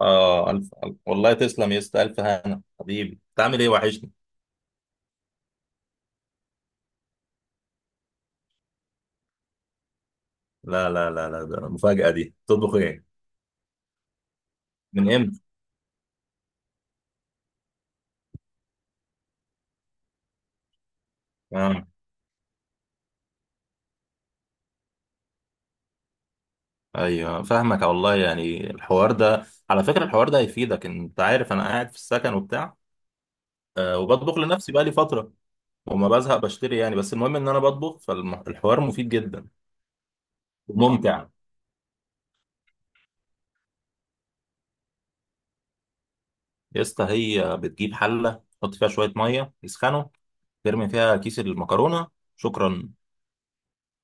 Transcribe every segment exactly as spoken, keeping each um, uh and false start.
اه الف الف والله، تسلم يا اسطى. الف هنا حبيبي، بتعمل ايه؟ وحشني. لا لا لا لا، ده المفاجأة دي. تطبخ ايه؟ من امتى؟ اه، ايوه فاهمك والله. يعني الحوار ده على فكرة الحوار ده هيفيدك. انت عارف انا قاعد في السكن وبتاع، آه وبطبخ لنفسي بقى لي فترة وما بزهق، بشتري يعني. بس المهم ان انا بطبخ، فالحوار مفيد جدا وممتع. يا اسطى، هي بتجيب حلة تحط فيها شوية مية يسخنوا، ترمي فيها كيس المكرونة. شكرا.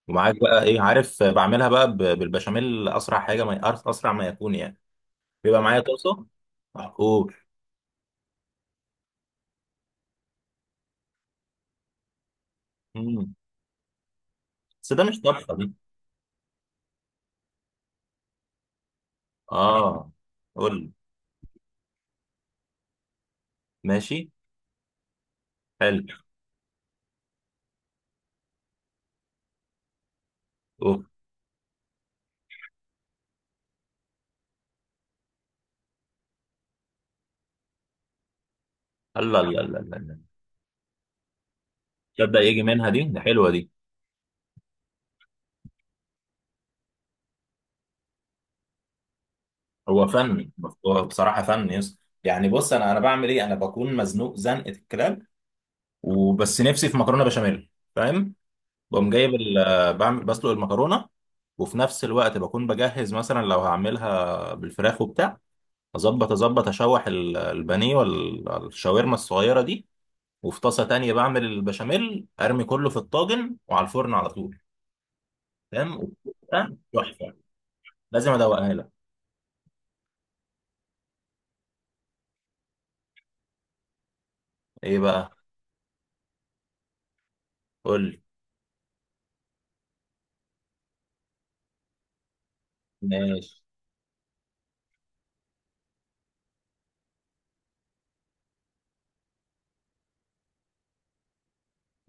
ومعاك بقى ايه؟ عارف بعملها بقى ب- بالبشاميل، اسرع حاجه. ما أر- اسرع ما يكون يعني. بيبقى معايا طاسه. محقول. امم. بس ده مش طبخه دي. اه، قول لي. ماشي. حلو. اوه. الله الله الله الله الله. تبدا يجي منها دي، ده حلوه دي. هو فن. هو بصراحه فن، يس يعني. بص، انا انا بعمل ايه، انا بكون مزنوق زنقه الكلاب وبس، نفسي في مكرونه بشاميل. فاهم؟ بقوم جايب ال- بعمل، بسلق المكرونه، وفي نفس الوقت بكون بجهز مثلا لو هعملها بالفراخ وبتاع. اظبط اظبط، اشوح ال- البانيه والشاورما الصغيره دي. وفي طاسه تانية بعمل البشاميل، ارمي كله في الطاجن وعلى الفرن على طول. تمام، وبتبقى تحفه. لازم ادوقها لك. ايه بقى؟ قول لي. ماشي.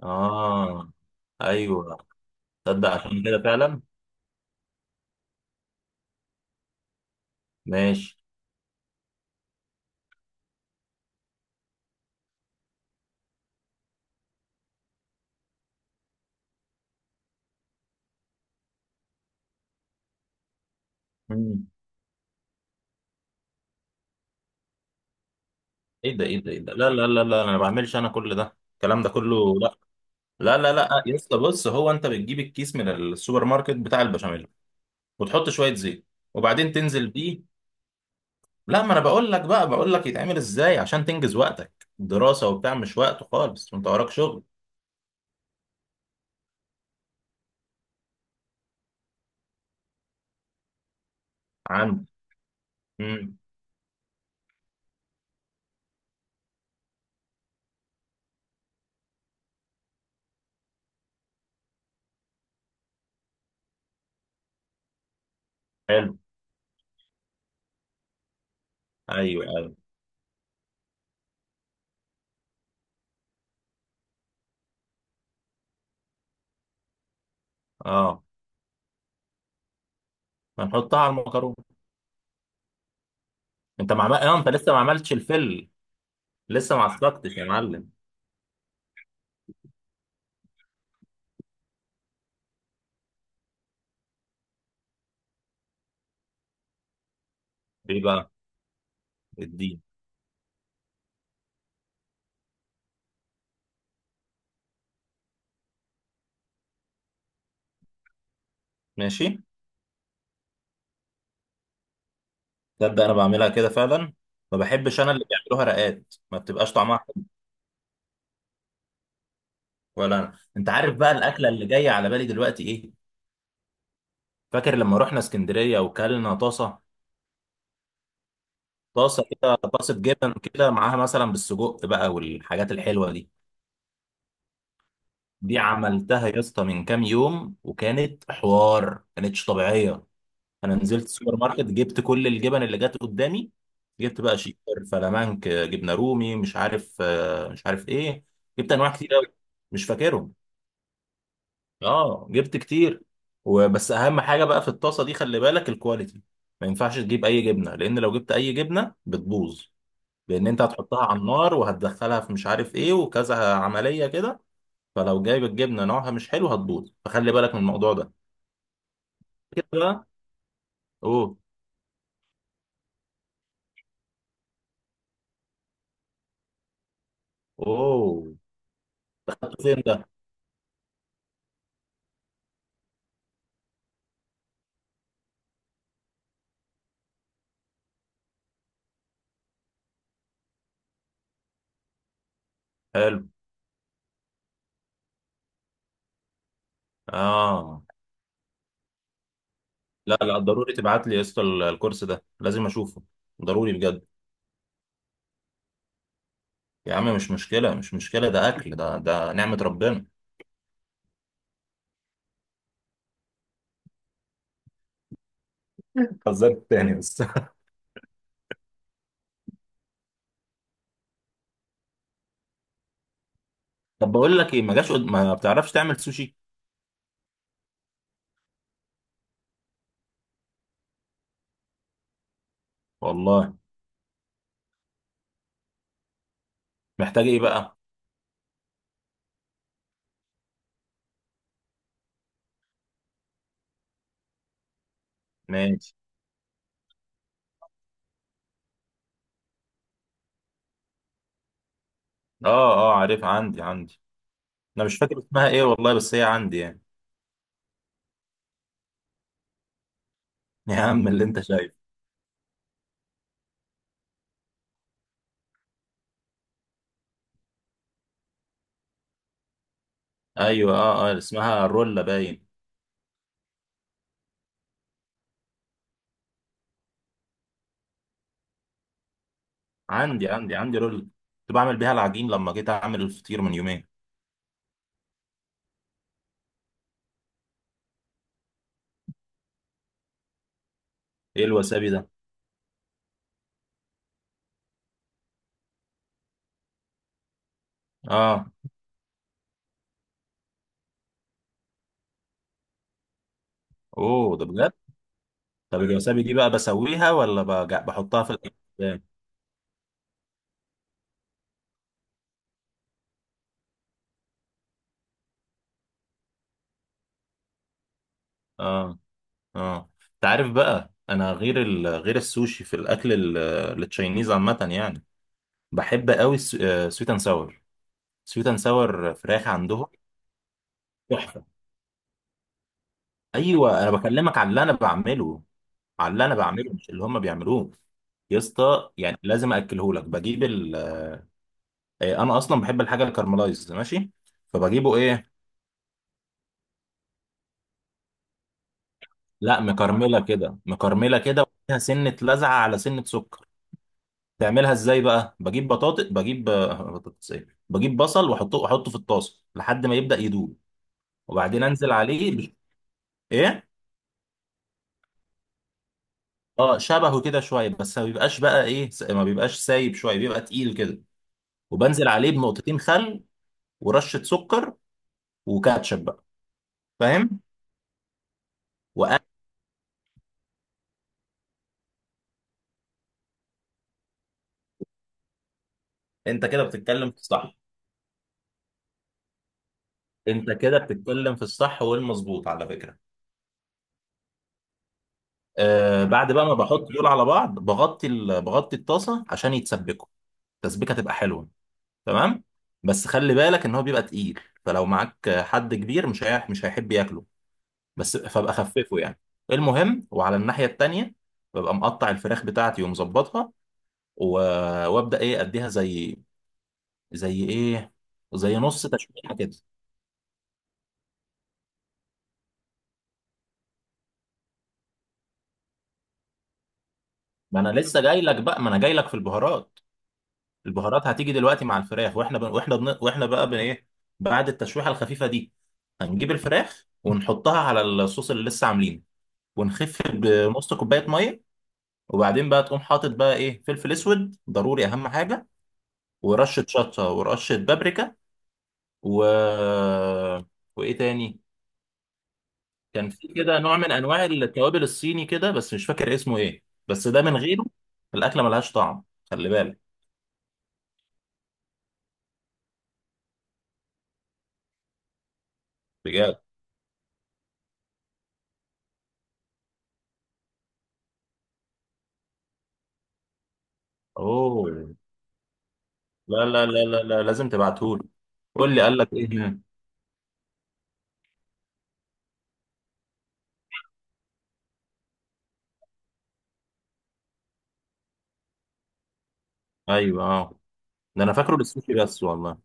اه. ايوه. تصدق عشان كده فعلا. ماشي. مم. ايه ده، ايه ده، ايه ده، لا لا لا لا، انا ما بعملش. انا كل ده الكلام ده كله؟ لا لا لا لا، يا اسطى، بص، هو انت بتجيب الكيس من السوبر ماركت بتاع البشاميل وتحط شويه زيت وبعدين تنزل بيه. لا، ما انا بقول لك بقى، بقول لك يتعمل ازاي عشان تنجز وقتك، دراسة وبتاع مش وقت خالص وانت وراك شغل. عندي. امم. حلو. ايوه ايوه. اه، هنحطها على المكرونة. انت مع اه انت لسه ما عملتش الفل. لسه ما عصقتش يا معلم. ايه بقى؟ الدين. ماشي. تبدأ، انا بعملها كده فعلا. ما بحبش انا اللي بيعملوها رقات، ما بتبقاش طعمها حلو. ولا انا. انت عارف بقى الاكله اللي جايه على بالي دلوقتي ايه؟ فاكر لما رحنا اسكندريه وكلنا طاسه؟ طاسه كده، طاسه جبن كده معاها مثلا بالسجق بقى والحاجات الحلوه دي. دي عملتها يا اسطى من كام يوم وكانت حوار، كانتش طبيعيه. انا نزلت السوبر ماركت، جبت كل الجبن اللي جت قدامي. جبت بقى شيكر، فلامنك، جبنه رومي، مش عارف آه، مش عارف ايه. جبت انواع كتير قوي، مش فاكرهم. اه جبت كتير. وبس اهم حاجه بقى في الطاسه دي، خلي بالك الكواليتي. ما ينفعش تجيب اي جبنه، لان لو جبت اي جبنه بتبوظ. لان انت هتحطها على النار وهتدخلها في مش عارف ايه وكذا عمليه كده، فلو جايب الجبنه نوعها مش حلو هتبوظ، فخلي بالك من الموضوع ده. كده بقى. اوه اوه. دخلت فين ده؟ حلو. اه، لا لا، ضروري تبعت لي يا اسطى ال- الكورس ده، لازم اشوفه ضروري بجد. يا عم مش مشكله مش مشكله، ده اكل، ده ده نعمه ربنا. هزرت تاني بس. طب بقول لك ايه، ما جاش قد- ما بتعرفش تعمل سوشي؟ والله. محتاج ايه بقى؟ ماشي. اه اه عارف، عندي عندي. انا مش فاكر اسمها ايه والله، بس هي عندي يعني. يا عم اللي انت شايفه. ايوه، اه اه، اسمها رولا باين. عندي عندي عندي، رولا كنت بعمل بيها العجين لما جيت اعمل الفطير من يومين. ايه الوسابي ده؟ اه. اوه، ده بجد؟ طب الوسابي دي بقى بسويها ولا بج- بحطها في الاكل؟ اه. اه. انت عارف بقى انا غير ال... غير السوشي في الاكل، ال- التشاينيز عامه يعني، بحب قوي. سويت اند ساور. سويت اند ساور فراخ عندهم، تحفه. ايوه، انا بكلمك على اللي انا بعمله، على اللي انا بعمله مش اللي هم بيعملوه. يا اسطى يعني لازم اكله لك، بجيب ال... آه، انا اصلا بحب الحاجه الكارملايز، ماشي؟ فبجيبه ايه، لا، مكرمله كده، مكرمله كده وفيها سنه لزعه على سنه سكر. تعملها ازاي بقى؟ بجيب بطاطس، بجيب آه، بطاطس ايه، بجيب بصل واحطه واحطه في الطاسه لحد ما يبدا يدوب. وبعدين انزل عليه ب... ايه، اه شبهه كده شويه، بس ما بيبقاش بقى ايه، س- ما بيبقاش سايب شويه، بيبقى تقيل كده. وبنزل عليه بنقطتين خل، ورشه سكر، وكاتشب. فاهم؟ وأنا. أنت كده بتتكلم في الصح. أنت كده بتتكلم في الصح والمظبوط على فكرة. آه، بعد بقى ما بحط دول على بعض، بغطي ال... بغطي الطاسة عشان يتسبكوا، التسبيكة تبقى حلوة. تمام. بس خلي بالك إن هو بيبقى تقيل، فلو معاك حد كبير، مش هي... مش هيحب ياكله. بس فابقى خففه يعني. المهم، وعلى الناحية التانية ببقى مقطع الفراخ بتاعتي ومظبطها، و... وابدا ايه؟ اديها زي، زي ايه، زي نص تشويحه كده. ما انا لسه جاي لك بقى، ما انا جاي لك في البهارات. البهارات هتيجي دلوقتي مع الفراخ واحنا بن... واحنا بن... واحنا بقى بن ايه، بعد التشويحه الخفيفه دي، هنجيب الفراخ ونحطها على الصوص اللي لسه عاملينه، ونخف بنص كوبايه ميه. وبعدين بقى تقوم حاطط بقى ايه، فلفل اسود ضروري اهم حاجه، ورشه شطه، ورشه بابريكا، و، وايه تاني. كان في كده نوع من انواع التوابل الصيني كده، بس مش فاكر اسمه ايه، بس ده من غيره الاكله ملهاش طعم. خلي بالك. بجد. اوه. لا لا لا لا، لا، لازم تبعتهولي. قول لي، قال لك ايه هنا. ايوه، اه، ده انا فاكره للسوشي بس والله.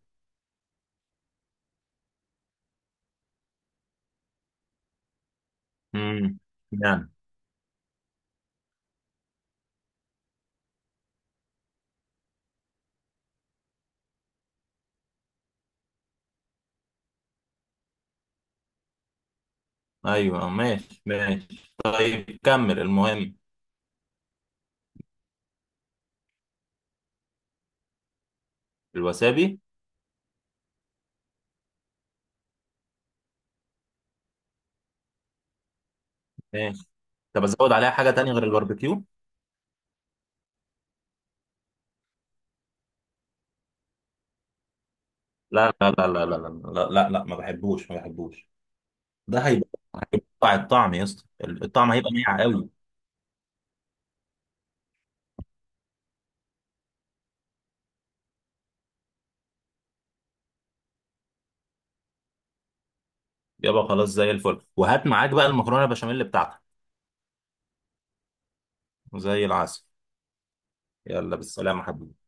امم. يعني. ايوه، آه، ماشي ماشي، طيب كمل المهم. الوسابي. ماشي. طب ازود عليها حاجه تانية غير الباربيكيو؟ لا لا لا لا لا لا لا لا، لا، ما بحبوش ما بحبوش. ده هيبقى، هيبقى الطعم يا اسطى، الطعم هيبقى ناعم قوي. يبقى خلاص زي الفل، وهات معاك بقى المكرونه البشاميل بتاعتك. زي العسل. يلا بالسلامه حبيبي.